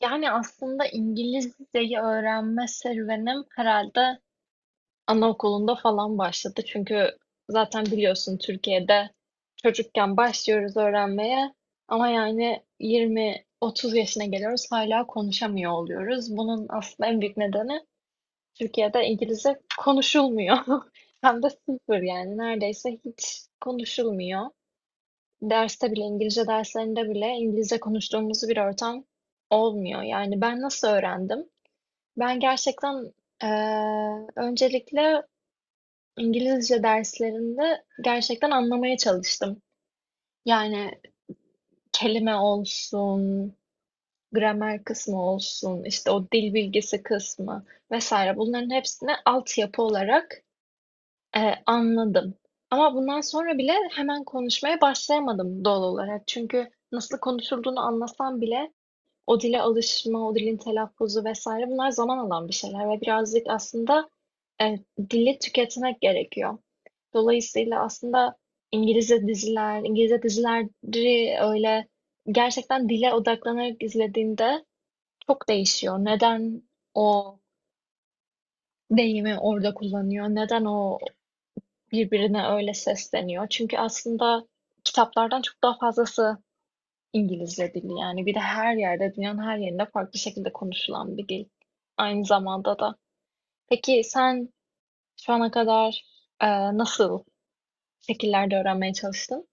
Yani aslında İngilizceyi öğrenme serüvenim herhalde anaokulunda falan başladı. Çünkü zaten biliyorsun Türkiye'de çocukken başlıyoruz öğrenmeye ama yani 20-30 yaşına geliyoruz hala konuşamıyor oluyoruz. Bunun aslında en büyük nedeni Türkiye'de İngilizce konuşulmuyor. Hem de sıfır yani neredeyse hiç konuşulmuyor. Derste bile İngilizce derslerinde bile İngilizce konuştuğumuz bir ortam olmuyor. Yani ben nasıl öğrendim? Ben gerçekten, öncelikle İngilizce derslerinde gerçekten anlamaya çalıştım. Yani kelime olsun, gramer kısmı olsun, işte o dil bilgisi kısmı vesaire bunların hepsini altyapı olarak, anladım. Ama bundan sonra bile hemen konuşmaya başlayamadım doğal olarak. Çünkü nasıl konuşulduğunu anlasam bile o dile alışma, o dilin telaffuzu vesaire bunlar zaman alan bir şeyler ve birazcık aslında e, dili tüketmek gerekiyor. Dolayısıyla aslında İngilizce dizileri öyle gerçekten dile odaklanarak izlediğinde çok değişiyor. Neden o deyimi orada kullanıyor? Neden o birbirine öyle sesleniyor? Çünkü aslında kitaplardan çok daha fazlası İngilizce dili yani. Bir de her yerde, dünyanın her yerinde farklı şekilde konuşulan bir dil. Aynı zamanda da. Peki sen şu ana kadar e, nasıl şekillerde öğrenmeye çalıştın?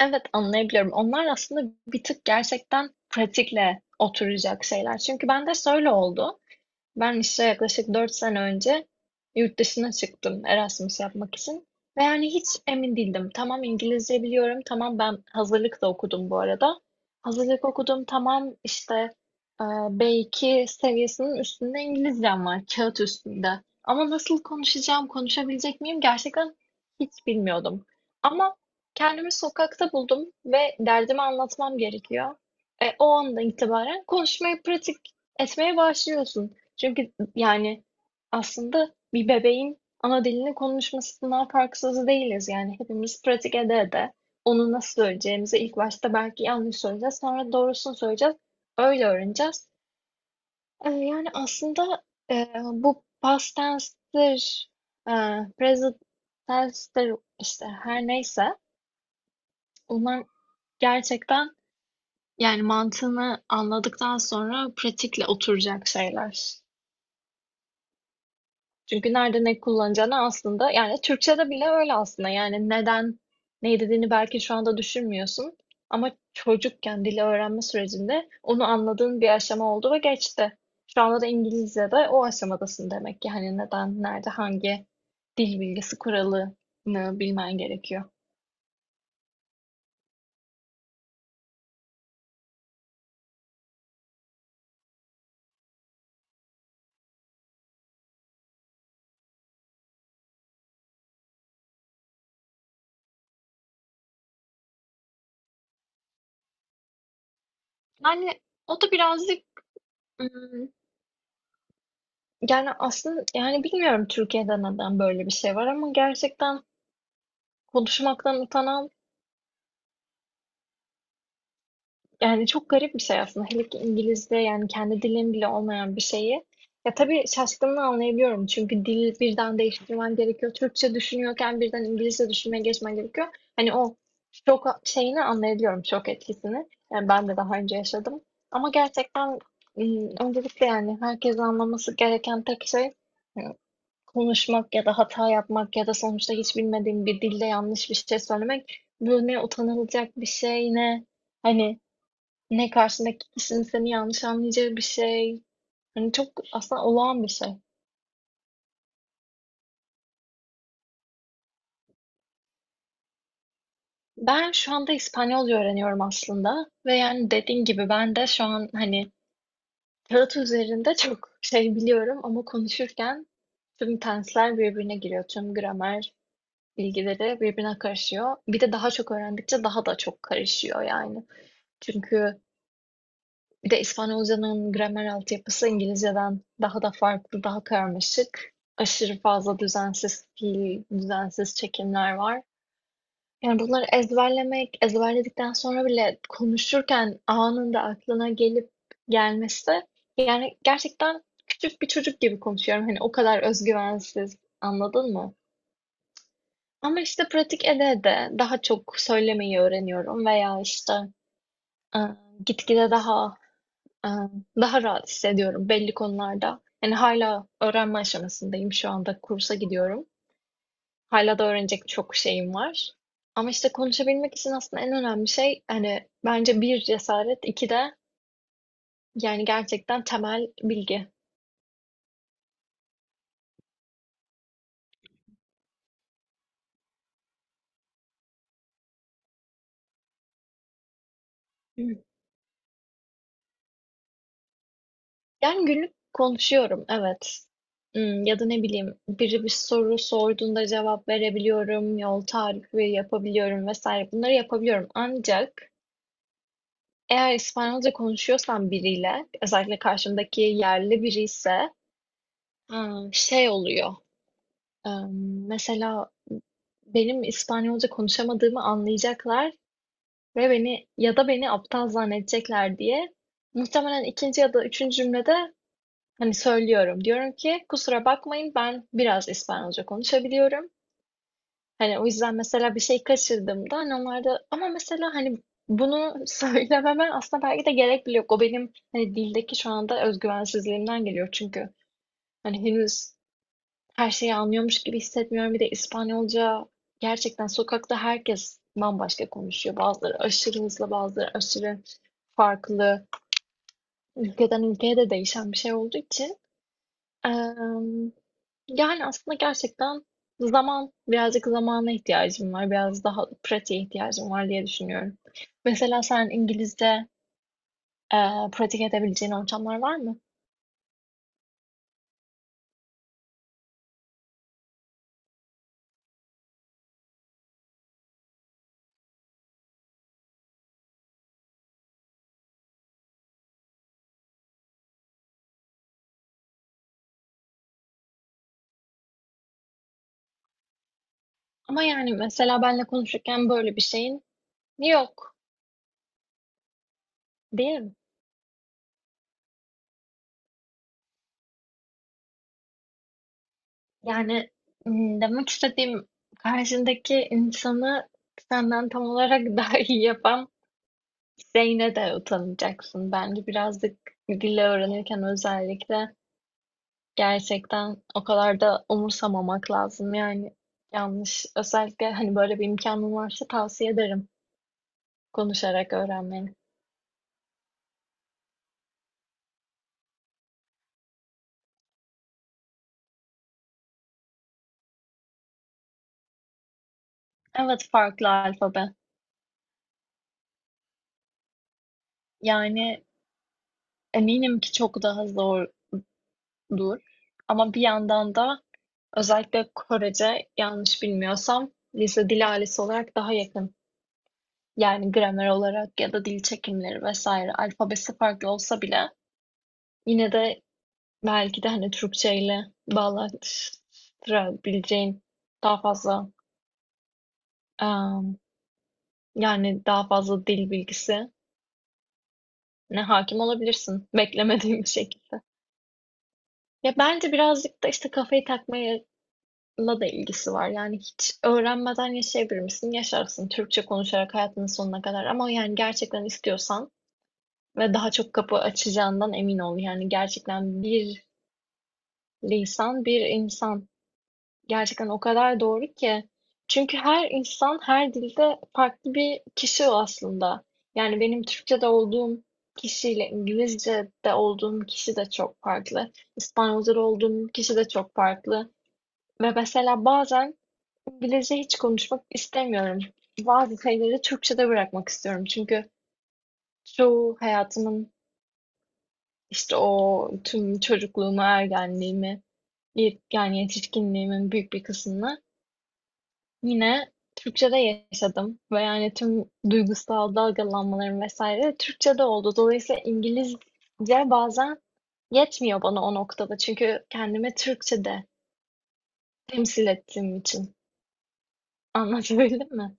Evet, anlayabiliyorum. Onlar aslında bir tık gerçekten pratikle oturacak şeyler. Çünkü bende şöyle oldu. Ben işte yaklaşık 4 sene önce yurt dışına çıktım Erasmus yapmak için. Ve yani hiç emin değildim. Tamam, İngilizce biliyorum. Tamam, ben hazırlık da okudum bu arada. Hazırlık okudum. Tamam işte e, B2 seviyesinin üstünde İngilizcem var. Kağıt üstünde. Ama nasıl konuşacağım, konuşabilecek miyim gerçekten hiç bilmiyordum. Ama kendimi sokakta buldum ve derdimi anlatmam gerekiyor. O andan itibaren konuşmayı pratik etmeye başlıyorsun. Çünkü yani aslında bir bebeğin ana dilini konuşmasından farksız değiliz. Yani hepimiz pratik ede ede onu nasıl söyleyeceğimizi ilk başta belki yanlış söyleyeceğiz, sonra doğrusunu söyleyeceğiz, öyle öğreneceğiz. Yani aslında bu past tense'tir, e, present tense'tir işte her neyse bunlar gerçekten yani mantığını anladıktan sonra pratikle oturacak şeyler. Çünkü nerede ne kullanacağını aslında yani Türkçe'de bile öyle aslında yani neden ne dediğini belki şu anda düşünmüyorsun ama çocukken dili öğrenme sürecinde onu anladığın bir aşama oldu ve geçti. Şu anda da İngilizce'de o aşamadasın demek ki hani neden, nerede, hangi dil bilgisi kuralını bilmen gerekiyor. Yani o da birazcık ım, yani aslında yani bilmiyorum Türkiye'de neden böyle bir şey var ama gerçekten konuşmaktan utanan yani çok garip bir şey aslında. Hele ki İngilizce yani kendi dilin bile olmayan bir şeyi. Ya tabii şaşkınlığı anlayabiliyorum. Çünkü dil birden değiştirmen gerekiyor. Türkçe düşünüyorken birden İngilizce düşünmeye geçmen gerekiyor. Hani o şok şeyini anlayabiliyorum, şok etkisini. Yani ben de daha önce yaşadım. Ama gerçekten öncelikle yani herkes anlaması gereken tek şey, ım, konuşmak ya da hata yapmak ya da sonuçta hiç bilmediğim bir dilde yanlış bir şey söylemek. Bu ne utanılacak bir şey ne hani ne karşındaki kişinin seni yanlış anlayacağı bir şey. Hani çok aslında olağan bir şey. Ben şu anda İspanyolca öğreniyorum aslında ve yani dediğin gibi ben de şu an hani kağıt üzerinde çok şey biliyorum ama konuşurken tüm tensler birbirine giriyor. Tüm gramer bilgileri birbirine karışıyor. Bir de daha çok öğrendikçe daha da çok karışıyor yani. Çünkü bir de İspanyolcanın gramer altyapısı İngilizceden daha da farklı, daha karmaşık. Aşırı fazla düzensiz fiil, düzensiz çekimler var. Yani bunları ezberlemek, ezberledikten sonra bile konuşurken anında aklına gelip gelmesi, yani gerçekten küçük bir çocuk gibi konuşuyorum. Hani o kadar özgüvensiz, anladın mı? Ama işte pratik ede de daha çok söylemeyi öğreniyorum veya işte e, gitgide Ee, daha rahat hissediyorum belli konularda. Yani hala öğrenme aşamasındayım şu anda kursa gidiyorum. Hala da öğrenecek çok şeyim var. Ama işte konuşabilmek için aslında en önemli şey hani bence bir cesaret, iki de yani gerçekten temel bilgi. Hı. Yani günlük konuşuyorum, evet. Ya da ne bileyim biri bir soru sorduğunda cevap verebiliyorum, yol tarifi yapabiliyorum vesaire bunları yapabiliyorum. Ancak eğer İspanyolca konuşuyorsam biriyle, özellikle karşımdaki yerli biri ise ha, şey oluyor. Mesela benim İspanyolca konuşamadığımı anlayacaklar ve beni ya da beni aptal zannedecekler diye muhtemelen ikinci ya da üçüncü cümlede hani söylüyorum. Diyorum ki, kusura bakmayın ben biraz İspanyolca konuşabiliyorum. Hani o yüzden mesela bir şey kaçırdığımda hani onlar da ama mesela hani bunu söylememe aslında belki de gerek bile yok. O benim hani dildeki şu anda özgüvensizliğimden geliyor. Çünkü hani henüz her şeyi anlıyormuş gibi hissetmiyorum. Bir de İspanyolca gerçekten sokakta herkes bambaşka konuşuyor. Bazıları aşırı hızlı, bazıları aşırı farklı. Ülkeden ülkeye de değişen bir şey olduğu için. Emm, yani, aslında gerçekten zaman, birazcık zamana ihtiyacım var, biraz daha pratiğe ihtiyacım var diye düşünüyorum. Mesela sen İngilizce, pratik edebileceğin ortamlar var mı? Ama, yani, mesela benle konuşurken böyle bir şeyin yok, değil mi? Yani, demek istediğim karşındaki insanı senden tam olarak daha iyi yapan şeyine de utanacaksın. Bence birazcık dil öğrenirken özellikle gerçekten o kadar da umursamamak lazım yani yanlış. Özellikle hani böyle bir imkanın varsa tavsiye ederim konuşarak öğrenmeni. Evet, farklı alfabe. Yani eminim ki çok daha zordur. Ama bir yandan da özellikle Korece yanlış bilmiyorsam lise dil ailesi olarak daha yakın. Yani gramer olarak ya da dil çekimleri vesaire alfabesi farklı olsa bile yine de belki de hani Türkçeyle bağlaştırabileceğin daha fazla em, yani daha fazla dil bilgisi ne hakim olabilirsin beklemediğin bir şekilde. Ya bence birazcık da işte kafayı takmayla da ilgisi var. Yani hiç öğrenmeden yaşayabilir misin? Yaşarsın Türkçe konuşarak hayatının sonuna kadar ama yani gerçekten istiyorsan ve daha çok kapı açacağından emin ol. Yani gerçekten bir lisan bir insan gerçekten o kadar doğru ki. Çünkü her insan her dilde farklı bir kişi o aslında. Yani benim Türkçe'de olduğum kişiyle İngilizce'de olduğum kişi de çok farklı. İspanyolca'da olduğum kişi de çok farklı. Ve mesela bazen İngilizce hiç konuşmak istemiyorum. Bazı şeyleri Türkçe'de bırakmak istiyorum. Çünkü çoğu hayatımın işte o tüm çocukluğumu, ergenliğimi, yani yetişkinliğimin büyük bir kısmını yine Türkçe'de yaşadım ve yani tüm duygusal dalgalanmalarım vesaire Türkçe'de oldu. Dolayısıyla İngilizce bazen yetmiyor bana o noktada. Çünkü kendimi Türkçe'de temsil ettiğim için. Anlatabildim mi?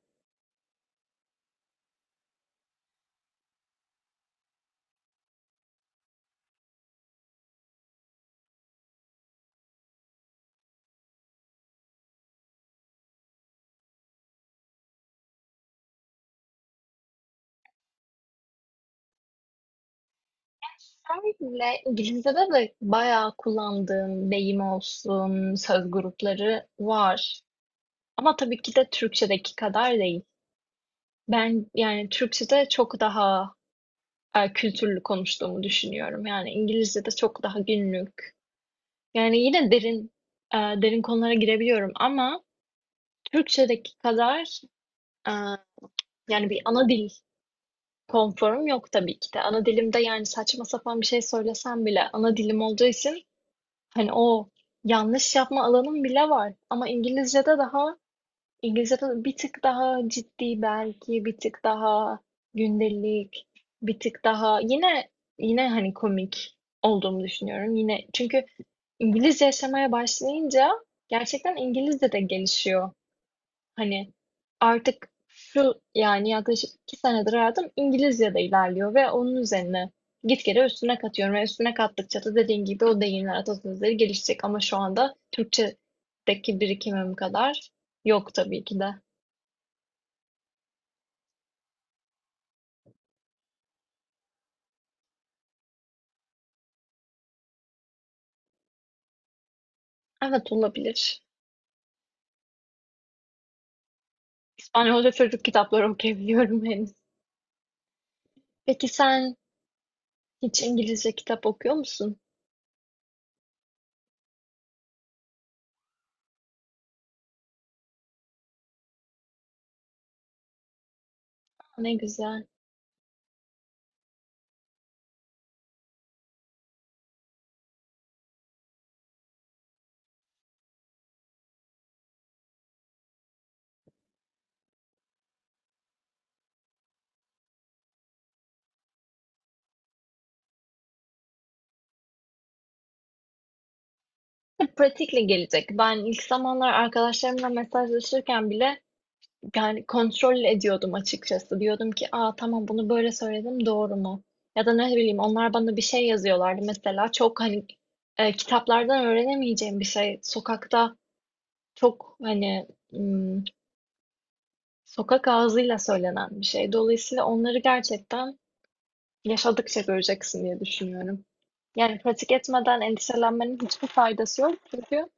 Öyle İngilizce'de de bayağı kullandığım deyim olsun, söz grupları var. Ama tabii ki de Türkçedeki kadar değil. Ben yani Türkçede çok daha kültürlü konuştuğumu düşünüyorum. Yani İngilizce'de çok daha günlük. Yani yine derin derin konulara girebiliyorum ama Türkçedeki kadar eee, yani bir ana dil konforum yok tabii ki de. Ana dilimde yani saçma sapan bir şey söylesem bile ana dilim olduğu için hani o yanlış yapma alanım bile var. Ama İngilizce'de bir tık daha ciddi belki, bir tık daha gündelik, bir tık daha yine hani komik olduğumu düşünüyorum. Yine çünkü İngilizce yaşamaya başlayınca gerçekten İngilizce de gelişiyor. Hani artık şu yani yaklaşık 2 senedir hayatım İngilizce'de ilerliyor ve onun üzerine gitgide üstüne katıyorum ve üstüne kattıkça da dediğin gibi o deyimler, atasözleri gelişecek ama şu anda Türkçedeki birikimim kadar yok tabii ki de. Evet, olabilir. İspanyolca çocuk kitapları okuyabiliyorum henüz. Peki sen hiç İngilizce kitap okuyor musun? Ne güzel. Pratikle gelecek. Ben ilk zamanlar arkadaşlarımla mesajlaşırken bile yani kontrol ediyordum açıkçası. Diyordum ki, "Aa tamam bunu böyle söyledim doğru mu?" Ya da ne bileyim onlar bana bir şey yazıyorlardı mesela. Çok hani kitaplardan öğrenemeyeceğim bir şey. Sokakta çok hani ım, sokak ağzıyla söylenen bir şey. Dolayısıyla onları gerçekten yaşadıkça göreceksin diye düşünüyorum. Yani pratik etmeden endişelenmenin hiçbir faydası yok. Çünkü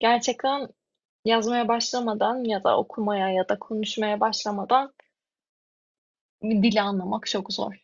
gerçekten yazmaya başlamadan ya da okumaya ya da konuşmaya başlamadan dili anlamak çok zor.